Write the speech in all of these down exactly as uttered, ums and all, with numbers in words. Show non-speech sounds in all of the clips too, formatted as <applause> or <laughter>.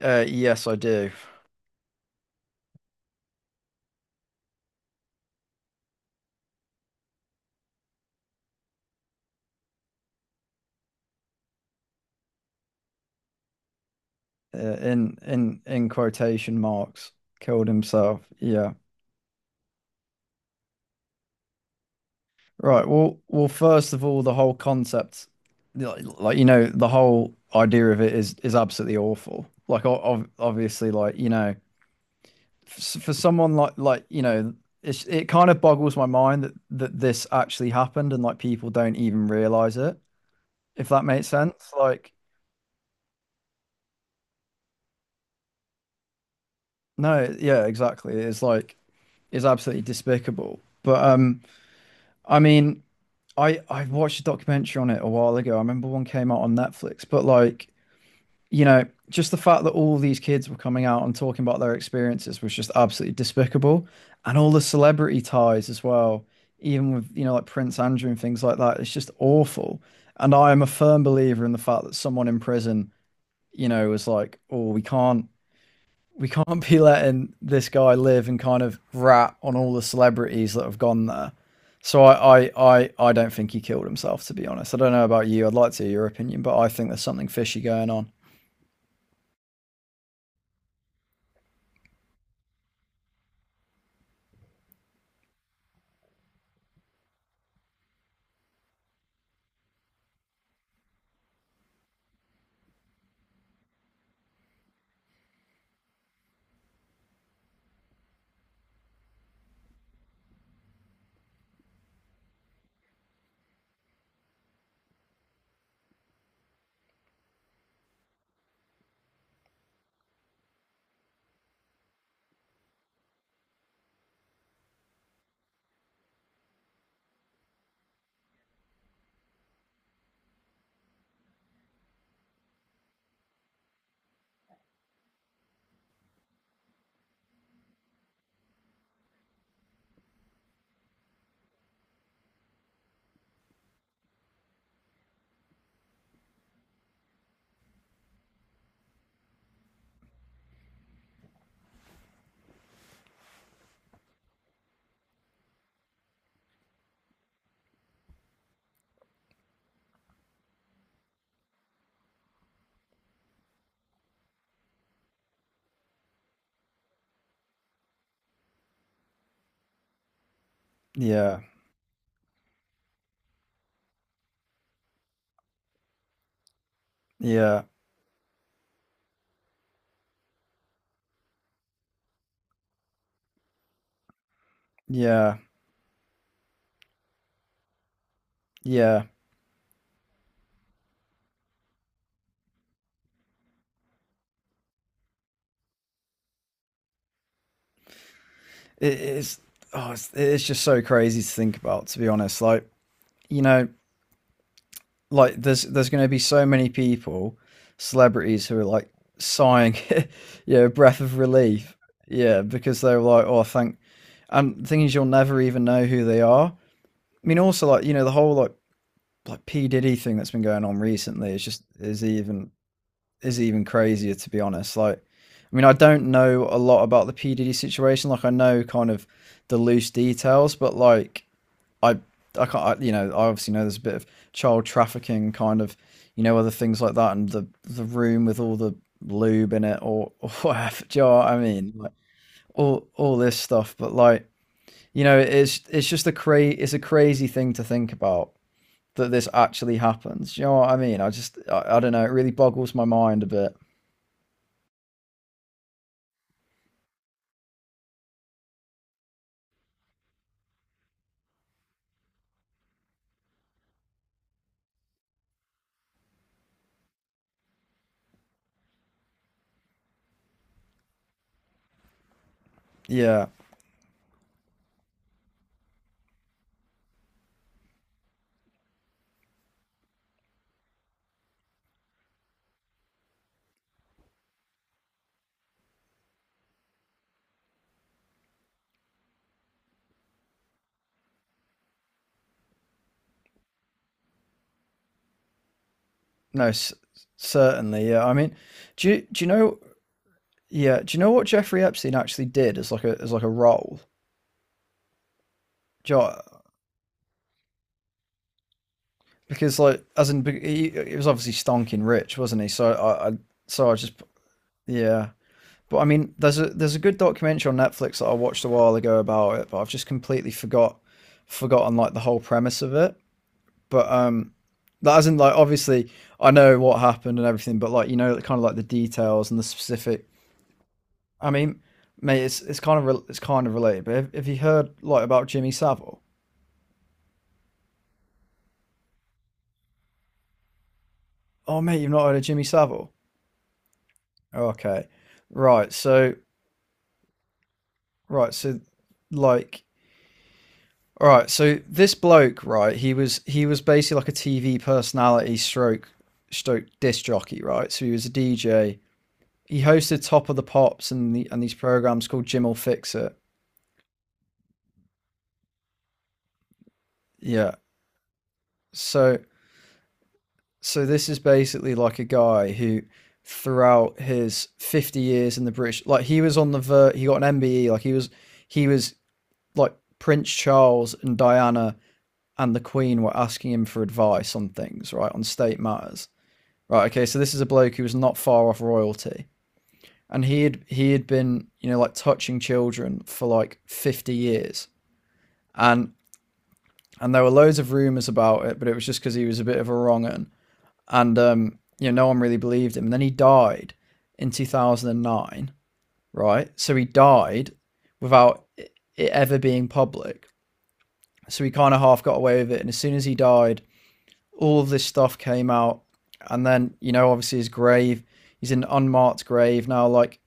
Uh, yes, I do. Uh, in in in quotation marks, killed himself. Yeah. Right. Well, well. First of all, the whole concept, like, like, you know, the whole idea of it is is absolutely awful. Like, o- ob- obviously, like you know, f- for someone like like you know, it's, it kind of boggles my mind that that this actually happened, and like people don't even realize it. If that makes sense. Like, no, yeah, exactly. It's like it's absolutely despicable. But um, I mean. I I watched a documentary on it a while ago. I remember one came out on Netflix, but like, you know, just the fact that all these kids were coming out and talking about their experiences was just absolutely despicable. And all the celebrity ties as well, even with, you know, like Prince Andrew and things like that, it's just awful. And I am a firm believer in the fact that someone in prison, you know, was like, oh, we can't we can't be letting this guy live and kind of rat on all the celebrities that have gone there. So I, I, I, I don't think he killed himself, to be honest. I don't know about you. I'd like to hear your opinion, but I think there's something fishy going on. Yeah, yeah, yeah, yeah. It, it's, oh, it's it's just so crazy to think about, to be honest. Like you know, like there's there's going to be so many people, celebrities who are like sighing, <laughs> yeah, know, breath of relief. Yeah, because they were like, oh, thank and is, you'll never even know who they are. I mean, also like you know the whole like like P Diddy thing that's been going on recently is just is even is even crazier to be honest. Like, I mean, I don't know a lot about the P Diddy situation. Like, I know kind of the loose details, but like I I can't I, you know I obviously know there's a bit of child trafficking kind of you know other things like that and the the room with all the lube in it or <laughs> or whatever. Do you know what I mean? Like all all this stuff, but like you know, it's it's just a cra- it's a crazy thing to think about that this actually happens. Do you know what I mean? I just I, I don't know. It really boggles my mind a bit. Yeah. No. C- certainly. Yeah. I mean, do you, do you know? Yeah. Do you know what Jeffrey Epstein actually did as like a as like a role? Do you know because like as in he, he was obviously stonking rich, wasn't he? So I, I so I just, yeah. But I mean, there's a there's a good documentary on Netflix that I watched a while ago about it, but I've just completely forgot forgotten like the whole premise of it. But um, that isn't, like, obviously I know what happened and everything, but like you know, kind of like the details and the specific. I mean, mate, it's it's kind of re- it's kind of related. But have, have you heard like about Jimmy Savile? Oh, mate, you've not heard of Jimmy Savile? Okay, right. So right, so like All right, so this bloke, right? He was he was basically like a T V personality, stroke, stroke disc jockey, right? So he was a D J. He hosted Top of the Pops and the, and these programs called Jim'll Fix It. Yeah. So so this is basically like a guy who, throughout his fifty years in the British, like he was on the ver, he got an M B E, like he was he was like Prince Charles and Diana and the Queen were asking him for advice on things, right, on state matters. Right. Okay. So this is a bloke who was not far off royalty, and he had he had been you know like touching children for like fifty years, and and there were loads of rumors about it, but it was just because he was a bit of a wrong un, and um you know no one really believed him. And then he died in two thousand and nine. Right. So he died without it ever being public. So he kind of half got away with it, and as soon as he died, all of this stuff came out, and then you know obviously his grave. He's in an unmarked grave now. Like,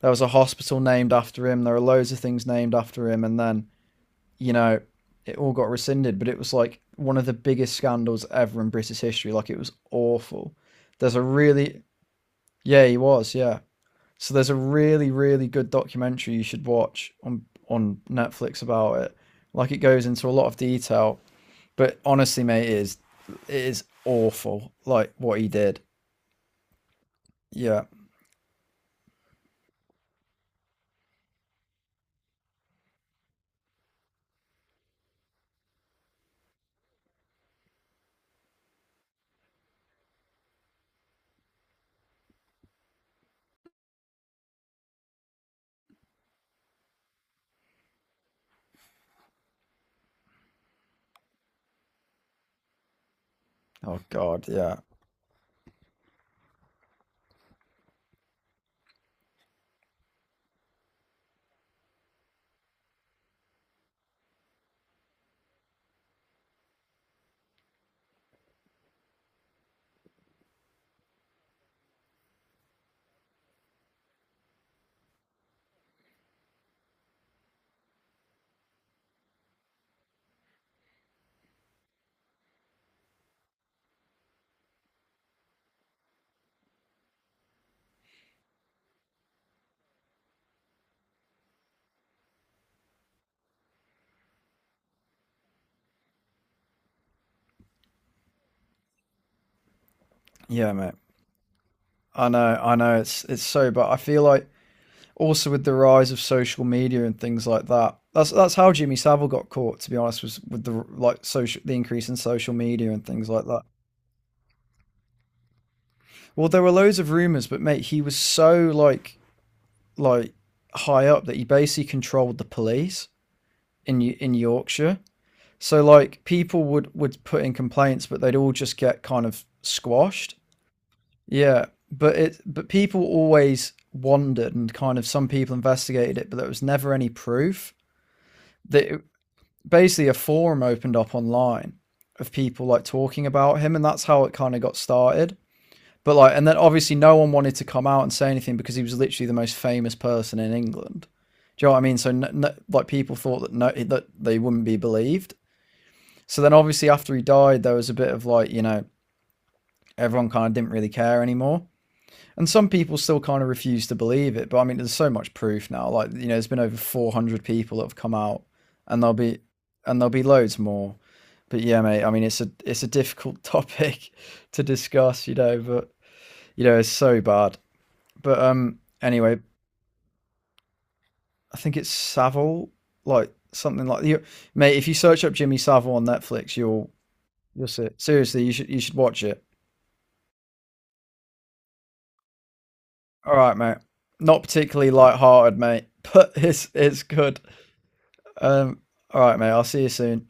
there was a hospital named after him. There are loads of things named after him. And then, you know, it all got rescinded, but it was like one of the biggest scandals ever in British history. Like it was awful. There's a really, yeah, he was, yeah. So there's a really, really good documentary you should watch on on Netflix about it. Like it goes into a lot of detail, but honestly, mate, it is it is awful. Like what he did. Yeah. Oh God. Yeah. Yeah, mate. I know, I know. It's it's so, but I feel like also with the rise of social media and things like that, that's that's how Jimmy Savile got caught. To be honest, was with the like social, the increase in social media and things like that. Well, there were loads of rumors, but mate, he was so like like high up that he basically controlled the police in Y- in Yorkshire. So like people would would put in complaints, but they'd all just get kind of squashed. Yeah, but it but people always wondered, and kind of some people investigated it, but there was never any proof that it- basically a forum opened up online of people like talking about him, and that's how it kind of got started. But like, and then obviously no one wanted to come out and say anything because he was literally the most famous person in England. Do you know what I mean? So no, no, like people thought that no, that they wouldn't be believed. So then obviously after he died, there was a bit of like, you know, everyone kind of didn't really care anymore. And some people still kind of refuse to believe it. But I mean, there's so much proof now. Like, you know, there's been over four hundred people that have come out, and there'll be, and there'll be loads more. But yeah, mate, I mean, it's a, it's a difficult <laughs> topic to discuss, you know, but you know, it's so bad. But, um, anyway, I think it's Savile, like something like you, mate, if you search up Jimmy Savile on Netflix, you'll, you'll see it. Seriously, you should, you should watch it. All right, mate. Not particularly light-hearted, mate, <laughs> but it's it's good. Um, all right, mate. I'll see you soon.